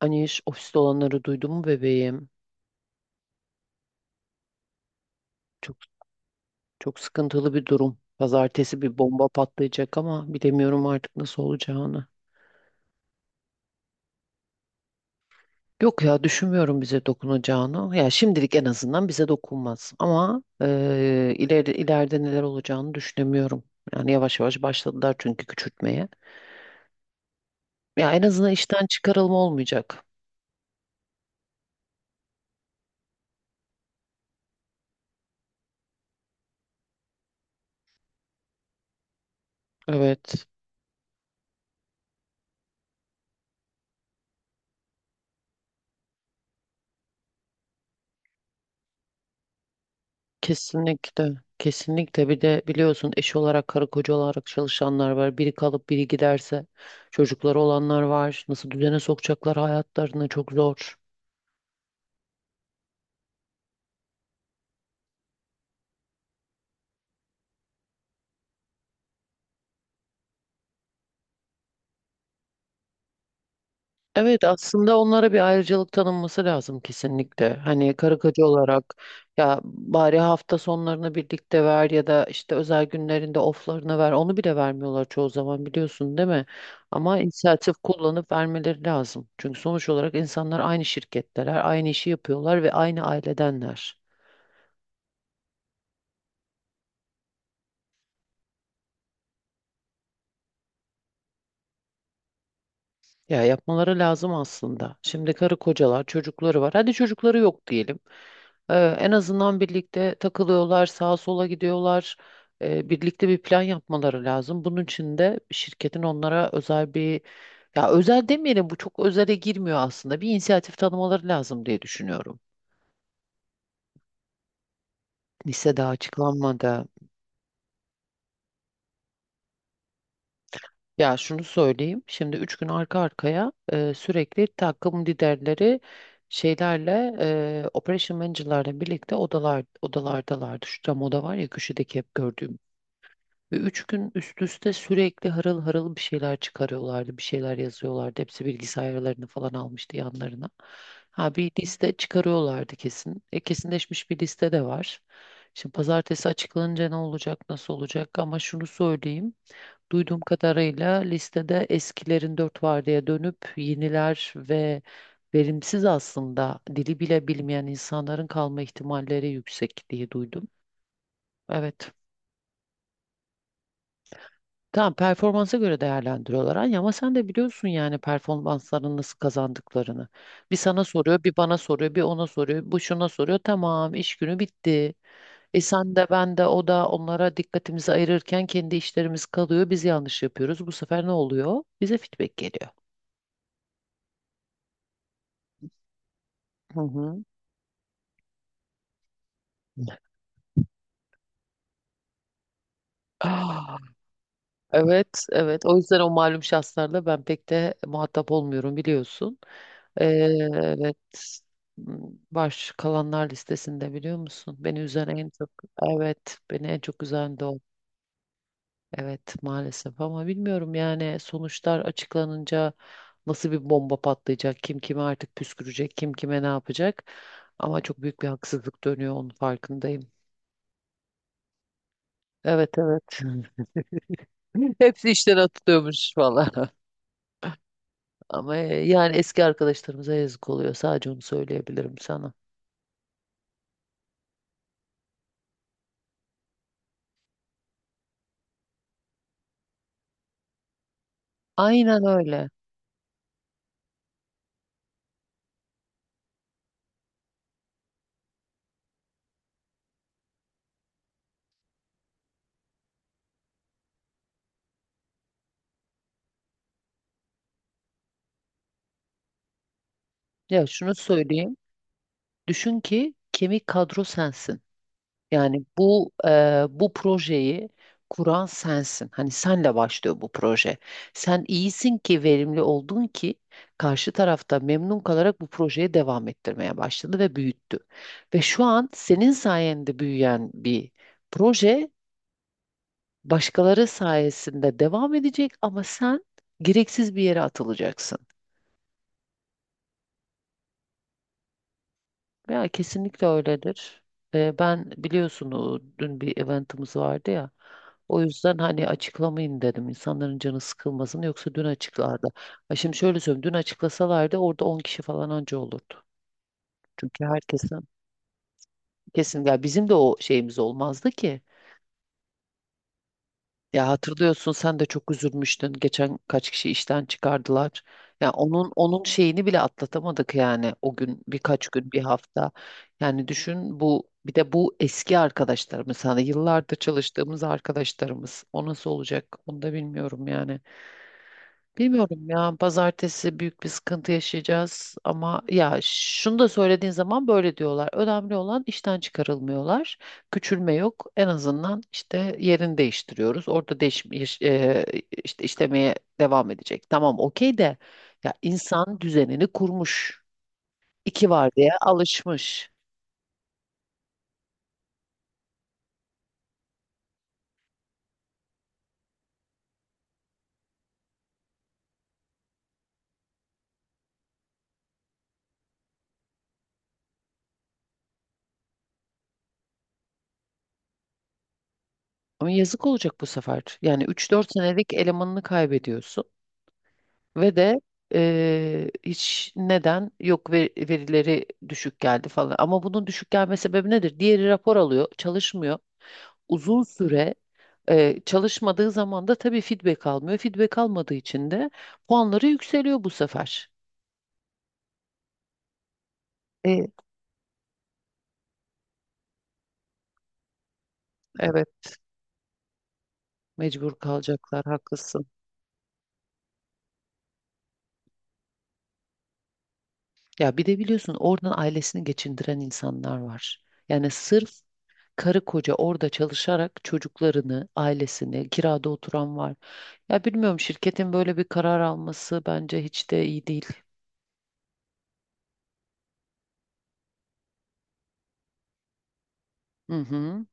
Hani iş ofiste olanları duydun mu bebeğim? Çok çok sıkıntılı bir durum. Pazartesi bir bomba patlayacak ama bilemiyorum artık nasıl olacağını. Yok ya düşünmüyorum bize dokunacağını. Ya şimdilik en azından bize dokunmaz. Ama ileride neler olacağını düşünemiyorum. Yani yavaş yavaş başladılar çünkü küçültmeye. Ya en azından işten çıkarılma olmayacak. Evet. Kesinlikle. Kesinlikle. Bir de biliyorsun eş olarak karı koca olarak çalışanlar var. Biri kalıp biri giderse çocukları olanlar var. Nasıl düzene sokacaklar hayatlarını, çok zor. Evet, aslında onlara bir ayrıcalık tanınması lazım kesinlikle. Hani karı koca olarak ya bari hafta sonlarını birlikte ver ya da işte özel günlerinde oflarını ver. Onu bile vermiyorlar çoğu zaman, biliyorsun değil mi? Ama inisiyatif kullanıp vermeleri lazım. Çünkü sonuç olarak insanlar aynı şirketteler, aynı işi yapıyorlar ve aynı ailedenler. Ya yapmaları lazım aslında. Şimdi karı kocalar, çocukları var. Hadi çocukları yok diyelim. Ee, En azından birlikte takılıyorlar, sağa sola gidiyorlar. Birlikte bir plan yapmaları lazım. Bunun için de şirketin onlara özel bir, ya özel demeyelim, bu çok özele girmiyor aslında. Bir inisiyatif tanımaları lazım diye düşünüyorum. Lisede açıklanmadı. Ya şunu söyleyeyim. Şimdi üç gün arka arkaya sürekli takım liderleri şeylerle operation manager'larla birlikte odalar odalardalardı. Şu cam oda var ya köşedeki, hep gördüğüm. Ve üç gün üst üste sürekli harıl harıl bir şeyler çıkarıyorlardı. Bir şeyler yazıyorlardı. Hepsi bilgisayarlarını falan almıştı yanlarına. Ha bir liste çıkarıyorlardı kesin. E, kesinleşmiş bir liste de var. Şimdi pazartesi açıklanınca ne olacak, nasıl olacak, ama şunu söyleyeyim. Duyduğum kadarıyla listede eskilerin dört vardiyaya dönüp yeniler ve verimsiz, aslında dili bile bilmeyen insanların kalma ihtimalleri yüksek diye duydum. Evet. Tamam, performansa göre değerlendiriyorlar Anya, ama sen de biliyorsun yani performansların nasıl kazandıklarını. Bir sana soruyor, bir bana soruyor, bir ona soruyor, bu şuna soruyor. Tamam, iş günü bitti. E sen de ben de o da onlara dikkatimizi ayırırken kendi işlerimiz kalıyor. Biz yanlış yapıyoruz. Bu sefer ne oluyor? Bize feedback geliyor. Hı hı. Ah. Evet, evet. O yüzden o malum şahslarla ben pek de muhatap olmuyorum, biliyorsun. Evet. Hmm. Baş kalanlar listesinde, biliyor musun? Beni üzen en çok, evet, beni en çok üzen de o. Evet, maalesef, ama bilmiyorum yani sonuçlar açıklanınca nasıl bir bomba patlayacak, kim kime artık püskürecek, kim kime ne yapacak. Ama çok büyük bir haksızlık dönüyor, onun farkındayım. Evet, evet. Hepsi işten atılıyormuş valla. Ama yani eski arkadaşlarımıza yazık oluyor. Sadece onu söyleyebilirim sana. Aynen öyle. Ya şunu söyleyeyim. Düşün ki kemik kadro sensin. Yani bu bu projeyi kuran sensin. Hani senle başlıyor bu proje. Sen iyisin ki verimli oldun ki karşı tarafta memnun kalarak bu projeyi devam ettirmeye başladı ve büyüttü. Ve şu an senin sayende büyüyen bir proje başkaları sayesinde devam edecek ama sen gereksiz bir yere atılacaksın. Ya kesinlikle öyledir. Ben biliyorsun o dün bir eventimiz vardı ya. O yüzden hani açıklamayın dedim. İnsanların canı sıkılmasın, yoksa dün açıklardı. Ha şimdi şöyle söyleyeyim, dün açıklasalardı orada 10 kişi falan anca olurdu. Çünkü herkesin kesin ya, bizim de o şeyimiz olmazdı ki. Ya hatırlıyorsun, sen de çok üzülmüştün. Geçen kaç kişi işten çıkardılar. Ya onun şeyini bile atlatamadık yani, o gün birkaç gün bir hafta. Yani düşün, bu bir de bu eski arkadaşlarımız, hani yıllardır çalıştığımız arkadaşlarımız. O nasıl olacak? Onu da bilmiyorum yani. Bilmiyorum ya, pazartesi büyük bir sıkıntı yaşayacağız, ama ya şunu da söylediğin zaman böyle diyorlar. Önemli olan işten çıkarılmıyorlar. Küçülme yok. En azından işte yerini değiştiriyoruz. Orada işte işlemeye devam edecek. Tamam, okey, de ya insan düzenini kurmuş. İki var diye alışmış. Ama yazık olacak bu sefer. Yani üç dört senelik elemanını kaybediyorsun. Ve de hiç neden yok verileri düşük geldi falan. Ama bunun düşük gelme sebebi nedir? Diğeri rapor alıyor, çalışmıyor. Uzun süre çalışmadığı zaman da tabii feedback almıyor. Feedback almadığı için de puanları yükseliyor bu sefer. E, evet, mecbur kalacaklar, haklısın. Ya bir de biliyorsun oradan ailesini geçindiren insanlar var. Yani sırf karı koca orada çalışarak çocuklarını, ailesini, kirada oturan var. Ya bilmiyorum, şirketin böyle bir karar alması bence hiç de iyi değil. Hı hı.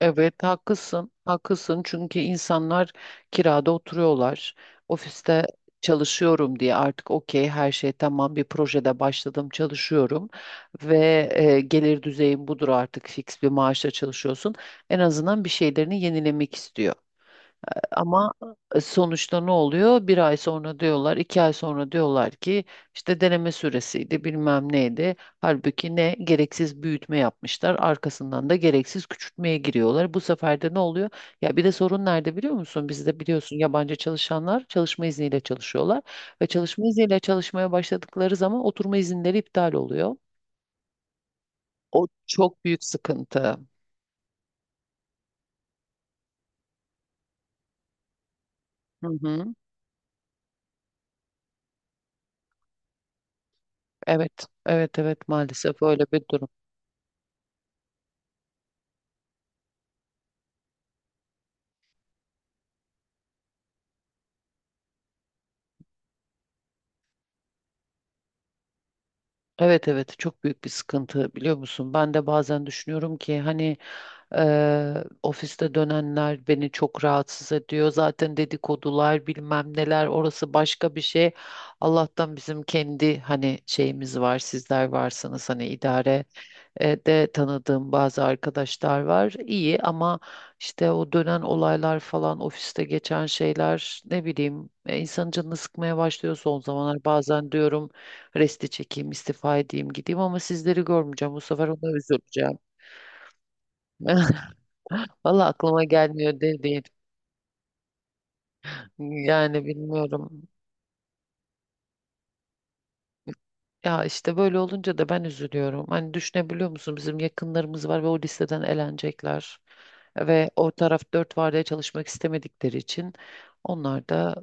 Evet, haklısın. Haklısın, çünkü insanlar kirada oturuyorlar. Ofiste çalışıyorum diye artık okey, her şey tamam, bir projede başladım çalışıyorum ve gelir düzeyim budur artık, fix bir maaşla çalışıyorsun. En azından bir şeylerini yenilemek istiyor. Ama sonuçta ne oluyor? Bir ay sonra diyorlar, iki ay sonra diyorlar ki işte deneme süresiydi, bilmem neydi. Halbuki ne gereksiz büyütme yapmışlar, arkasından da gereksiz küçültmeye giriyorlar. Bu sefer de ne oluyor? Ya bir de sorun nerede, biliyor musun? Bizde biliyorsun yabancı çalışanlar çalışma izniyle çalışıyorlar ve çalışma izniyle çalışmaya başladıkları zaman oturma izinleri iptal oluyor. O çok büyük sıkıntı. Hı hı. Evet, evet, evet, maalesef öyle bir durum. Evet evet, çok büyük bir sıkıntı, biliyor musun? Ben de bazen düşünüyorum ki hani ofiste dönenler beni çok rahatsız ediyor. Zaten dedikodular bilmem neler, orası başka bir şey. Allah'tan bizim kendi hani şeyimiz var, sizler varsınız hani idare de tanıdığım bazı arkadaşlar var. İyi ama işte o dönen olaylar falan ofiste geçen şeyler ne bileyim insanın canını sıkmaya başlıyor son zamanlar. Bazen diyorum resti çekeyim, istifa edeyim, gideyim, ama sizleri görmeyeceğim. Bu sefer ona üzüleceğim. Valla aklıma gelmiyor değil değil. Yani bilmiyorum. Ya işte böyle olunca da ben üzülüyorum. Hani düşünebiliyor musun? Bizim yakınlarımız var ve o listeden elenecekler. Ve o taraf dört vardiya çalışmak istemedikleri için onlar da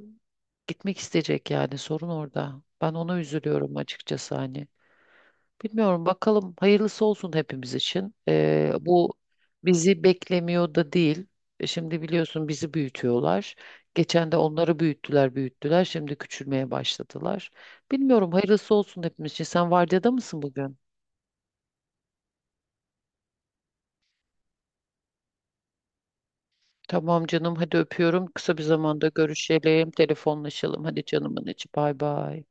gitmek isteyecek, yani sorun orada. Ben ona üzülüyorum açıkçası hani. Bilmiyorum bakalım, hayırlısı olsun hepimiz için. Bu bizi beklemiyor da değil. Şimdi biliyorsun bizi büyütüyorlar. Geçen de onları büyüttüler büyüttüler. Şimdi küçülmeye başladılar. Bilmiyorum, hayırlısı olsun hepimiz için. Sen vardiyada mısın bugün? Tamam canım, hadi öpüyorum. Kısa bir zamanda görüşelim. Telefonlaşalım. Hadi canımın içi, bay bay.